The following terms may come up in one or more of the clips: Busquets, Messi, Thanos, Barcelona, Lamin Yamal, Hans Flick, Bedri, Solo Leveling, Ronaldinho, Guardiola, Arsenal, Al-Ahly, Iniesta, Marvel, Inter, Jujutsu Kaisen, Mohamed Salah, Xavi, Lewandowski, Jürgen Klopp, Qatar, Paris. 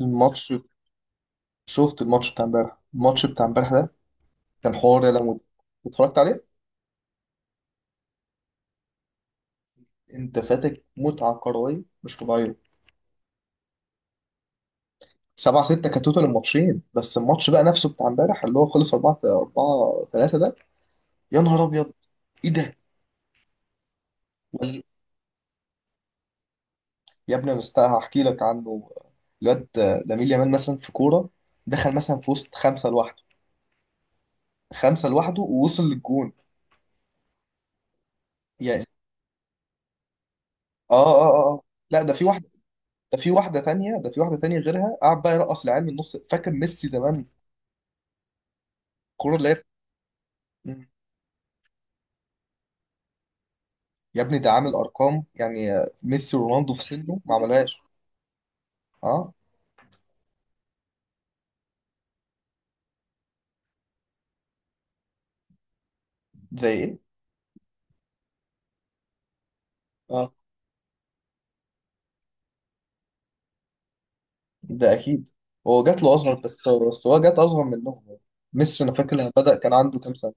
الماتش شفت الماتش بتاع امبارح ده كان حوار يا لمود. اتفرجت عليه. انت فاتك متعة كروية مش طبيعية. 7 6 كتوتال الماتشين، بس الماتش بقى نفسه بتاع امبارح اللي هو خلص 4 4 3 ده. يا نهار ابيض! ايه ده؟ وال- يا ابني، هحكي لك عنه الواد. لامين يامال مثلا في كورة دخل مثلا في وسط خمسة لوحده، خمسة لوحده ووصل للجون يعني. اه، اه، اه، آه. لا، ده في واحدة، ده في واحدة تانية، ده في واحدة تانية غيرها. قعد بقى يرقص العيال من النص، فاكر ميسي زمان. الكوره اللي هي. مم. يا ابني ده عامل ارقام يعني، ميسي ورونالدو في سنه ما عملهاش. اه. زي ايه؟ اه. ده اكيد. هو جات له اصغر، بس هو جات اصغر منهم. ميسي انا فاكر لما بدأ كان عنده كام سنه؟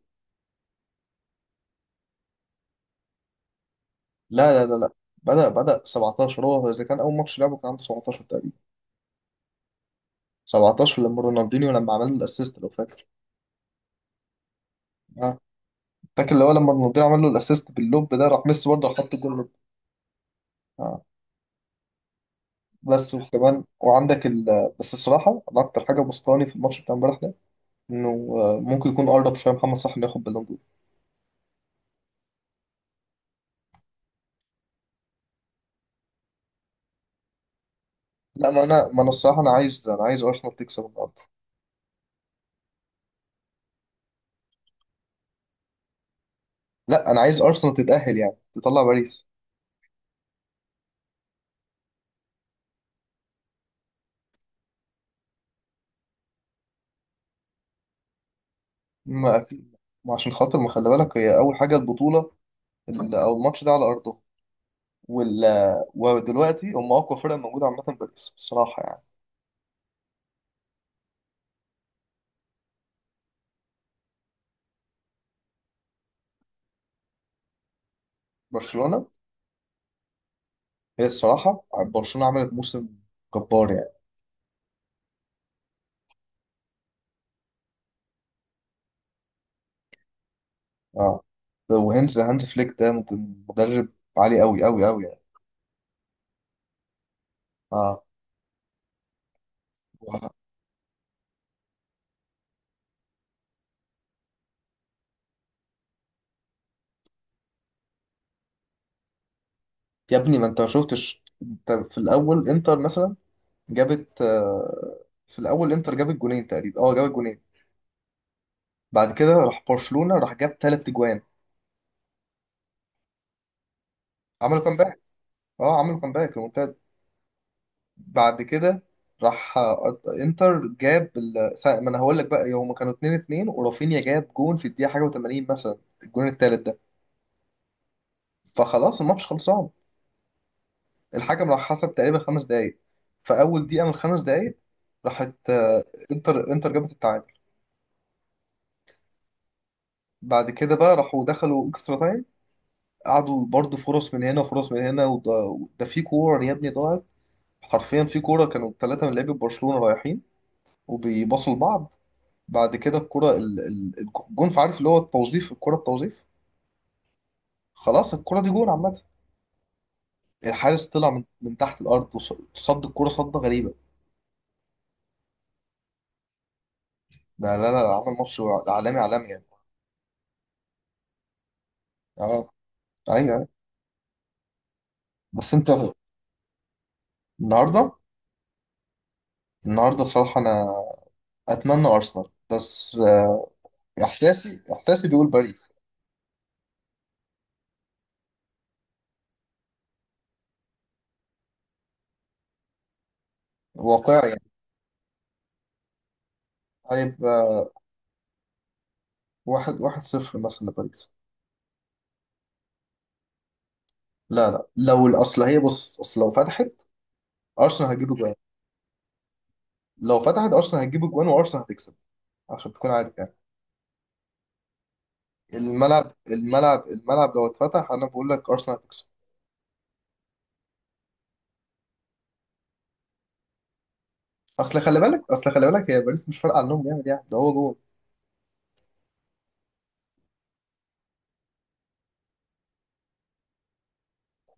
لا، لا، لا، لا. بدأ 17. هو اذا كان اول ماتش لعبه كان عنده 17 تقريبا. 17 لما رونالدينيو لما عمل له الاسيست لو فاكر. اه. فاكر اللي هو لما رونالدينيو عمل له الاسيست باللوب ده، راح ميسي برضه حط الجول لوب. اه. بس وكمان وعندك ال... بس الصراحه انا اكتر حاجه بسطاني في الماتش بتاع امبارح ده، انه ممكن يكون اقرب شويه محمد صلاح انه ياخد بالون دور. لا. ما انا الصراحه انا عايز ارسنال تكسب النهارده. لا، انا عايز ارسنال تتاهل، يعني تطلع باريس. ما في ما عشان خاطر ما خلي بالك، هي اول حاجه البطوله. او الماتش ده على ارضه، وال ودلوقتي هم اقوى فرقه موجوده عامه باريس الصراحه يعني. برشلونه. هي الصراحه برشلونه عملت موسم جبار يعني. اه. وهانز فليك ده مدرب عالي، قوي قوي قوي يعني. اه. يا ابني ما انت ما شفتش؟ انت في الاول انتر مثلا جابت آه، في الاول انتر جابت جونين تقريبا. اه، جابت جونين. بعد كده راح برشلونة، راح جاب ثلاث اجوان. عملوا كامباك. اه، عملوا كامباك ريمونتاد. بعد كده راح انتر جاب ما انا هقول لك بقى، هما كانوا 2 2 ورافينيا جاب جون في الدقيقة حاجة و80 مثلا، الجون الثالث ده. فخلاص الماتش خلصان. الحكم راح حسب تقريبا 5 دقايق. في اول دقيقة من ال 5 دقايق راحت، انتر جابت التعادل. بعد كده بقى راحوا دخلوا اكسترا تايم، قعدوا برضو فرص من هنا وفرص من هنا. ده في كورة يا ابني ضاعت حرفيا، في كورة كانوا ثلاثة من لعيبة برشلونة رايحين وبيباصوا لبعض. بعد كده الكورة الجون، عارف اللي هو التوظيف، الكورة التوظيف. خلاص الكورة دي جون عامة. الحارس طلع من تحت الأرض صد الكورة صدة غريبة. لا، لا، لا، عمل ماتش عالمي، عالمي يعني. اه. ايوه، أيوة. بس انت. النهارده. النهارده بصراحة انا اتمنى ارسنال. بس احساسي بيقول باريس. واقعي. هيبقى واحد صفر مثلا لباريس. لا، لا، لو الأصل، هي بص أصل أرسنال هتجيب أجوان لو فتحت أرسنال هتجيب أجوان وأرسنال هتكسب، عشان تكون عارف يعني. الملعب لو اتفتح أنا بقول لك أرسنال هتكسب. أصل خلي بالك هي باريس مش فارقة عنهم جامد يعني، ده هو جون.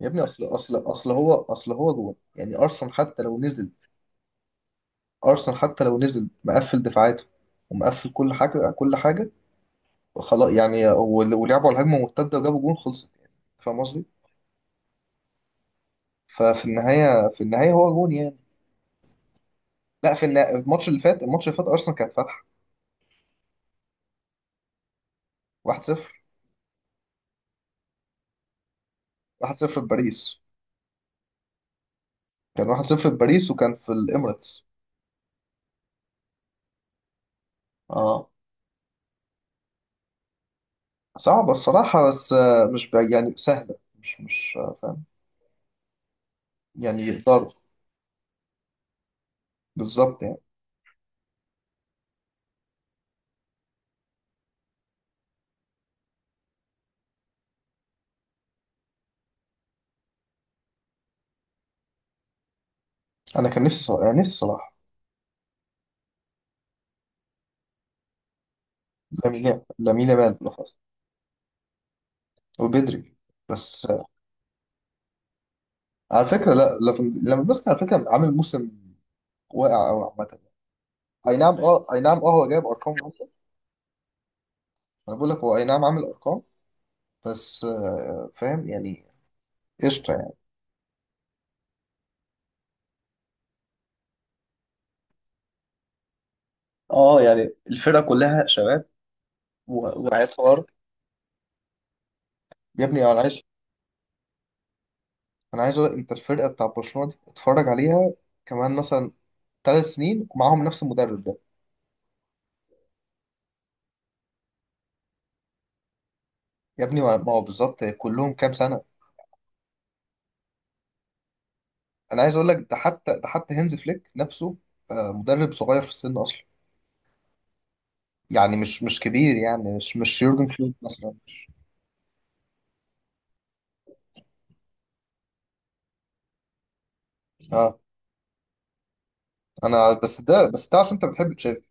يا ابني أصل هو جون يعني. أرسنال حتى لو نزل مقفل دفاعاته ومقفل كل حاجة، كل حاجة. خلاص يعني، ولعبوا على الهجمه مرتده وجابوا جون، خلصت يعني. فاهم قصدي؟ ففي النهايه هو جون يعني. لا، الماتش اللي فات ارسنال كانت فاتحه. 1-0 1-0 بباريس. كان 1-0 بباريس وكان في الاميريتس. اه. صعبه الصراحه، بس مش يعني سهله، مش فاهم يعني، يقدروا بالظبط يعني. انا كان نفسي صلاح، يعني نفسي صلاح. لامين يامال بالأخص. وبدري. بس على فكره لا، ليفاندوفسكي على فكره عامل موسم واقع قوي عامه. اي نعم، اه، اي نعم، اه، هو جايب ارقام جامده. انا بقول لك هو اي نعم عامل ارقام، بس فاهم يعني، قشطه يعني. اه. يعني الفرقه كلها شباب وقعت حوار. يا ابني انا عايز، أقول لك، انت الفرقه بتاع برشلونه دي اتفرج عليها كمان مثلا 3 سنين ومعاهم نفس المدرب ده. يا ابني ما هو بالظبط كلهم كام سنه. انا عايز اقول لك ده حتى هانز فليك نفسه مدرب صغير في السن اصلا. يعني مش كبير، يعني مش يورجن كلوب مثلا. اه. انا بس ده عشان انت بتحب تشافي.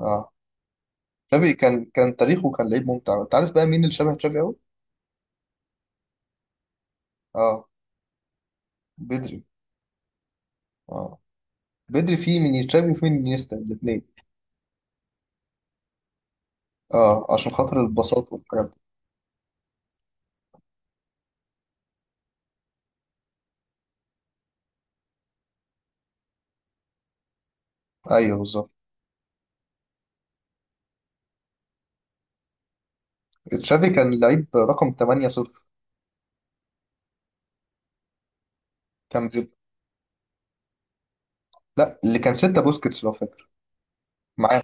اه. تشافي كان تاريخه، كان لعيب ممتع. انت عارف بقى مين اللي شبه تشافي قوي؟ اه، بدري. اه، بدري فيه من تشافي وفيه من نيستا الاثنين. اه، عشان خاطر البساطة والحاجات دي. ايوه بالظبط. تشافي كان لعيب رقم 8 صفر. كان بيب... لا، اللي كان 6 بوسكيتس لو فاكر. معاه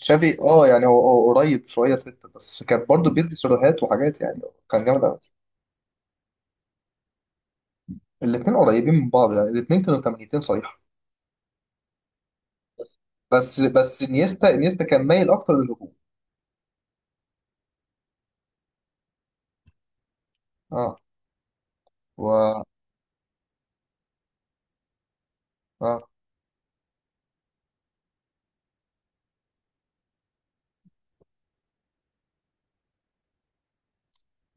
تشافي اه، يعني هو قريب شويه 6، بس كان برضه بيدي سيروهات وحاجات يعني. كان جامد قوي. الاثنين قريبين من بعض يعني. الاثنين كانوا 80 صريحه. بس بس انيستا كان مايل اكتر للهجوم. اه. و... اه،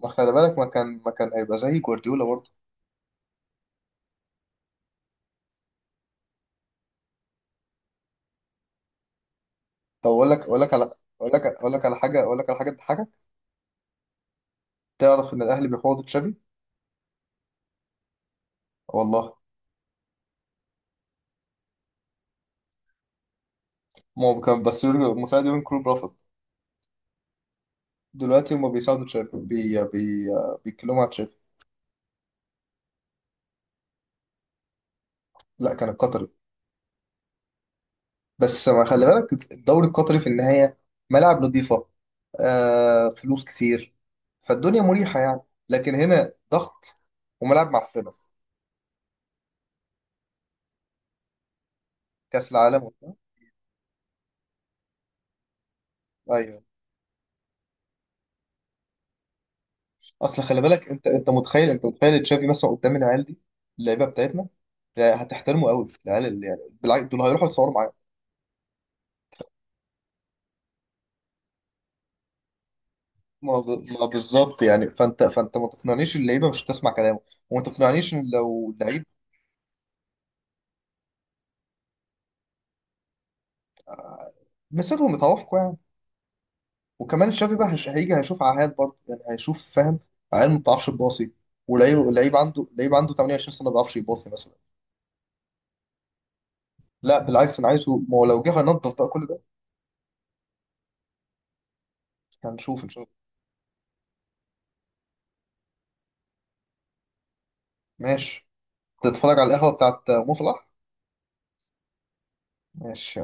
ما خلي بالك ما كان هيبقى زي جوارديولا برضه. طب اقول لك اقول لك على اقول لك اقول لك على حاجه اقول لك على حاجه تضحكك. تعرف ان الاهلي بيفاوضوا تشافي؟ والله. ما هو كان مساعد يورجن كلوب رفض. دلوقتي هما بيساعدوا تشافي. بي بي بيتكلموا على تشافي. لا، كان القطري. بس ما خلي بالك الدوري القطري في النهايه، ملاعب نظيفه، آه، فلوس كتير، فالدنيا مريحه يعني. لكن هنا ضغط وملاعب معفنه. كاس العالم وبتاع. ايوه. اصل خلي بالك، انت متخيل، انت متخيل تشافي مثلا قدام العيال دي، اللعيبه بتاعتنا. لا، هتحترمه قوي العيال، اللي يعني بالعكس دول هيروحوا يتصوروا معاه. ما بالظبط يعني. فانت ما تقنعنيش اللعيبه مش هتسمع كلامه، وما تقنعنيش ان لو اللعيب مسيرهم متوافقه يعني. وكمان الشافي بقى هيجي هيشوف عهاد برضه، يعني هيشوف فاهم. عيال ما بتعرفش تباصي، ولعيب لعيب عنده لعيب عنده 28 سنه ما بيعرفش يباصي مثلا. لا بالعكس، انا عايزه. ما هو لو جه هينضف بقى كل ده. هنشوف ان شاء الله. ماشي. تتفرج على القهوه بتاعت مصلح. ماشي.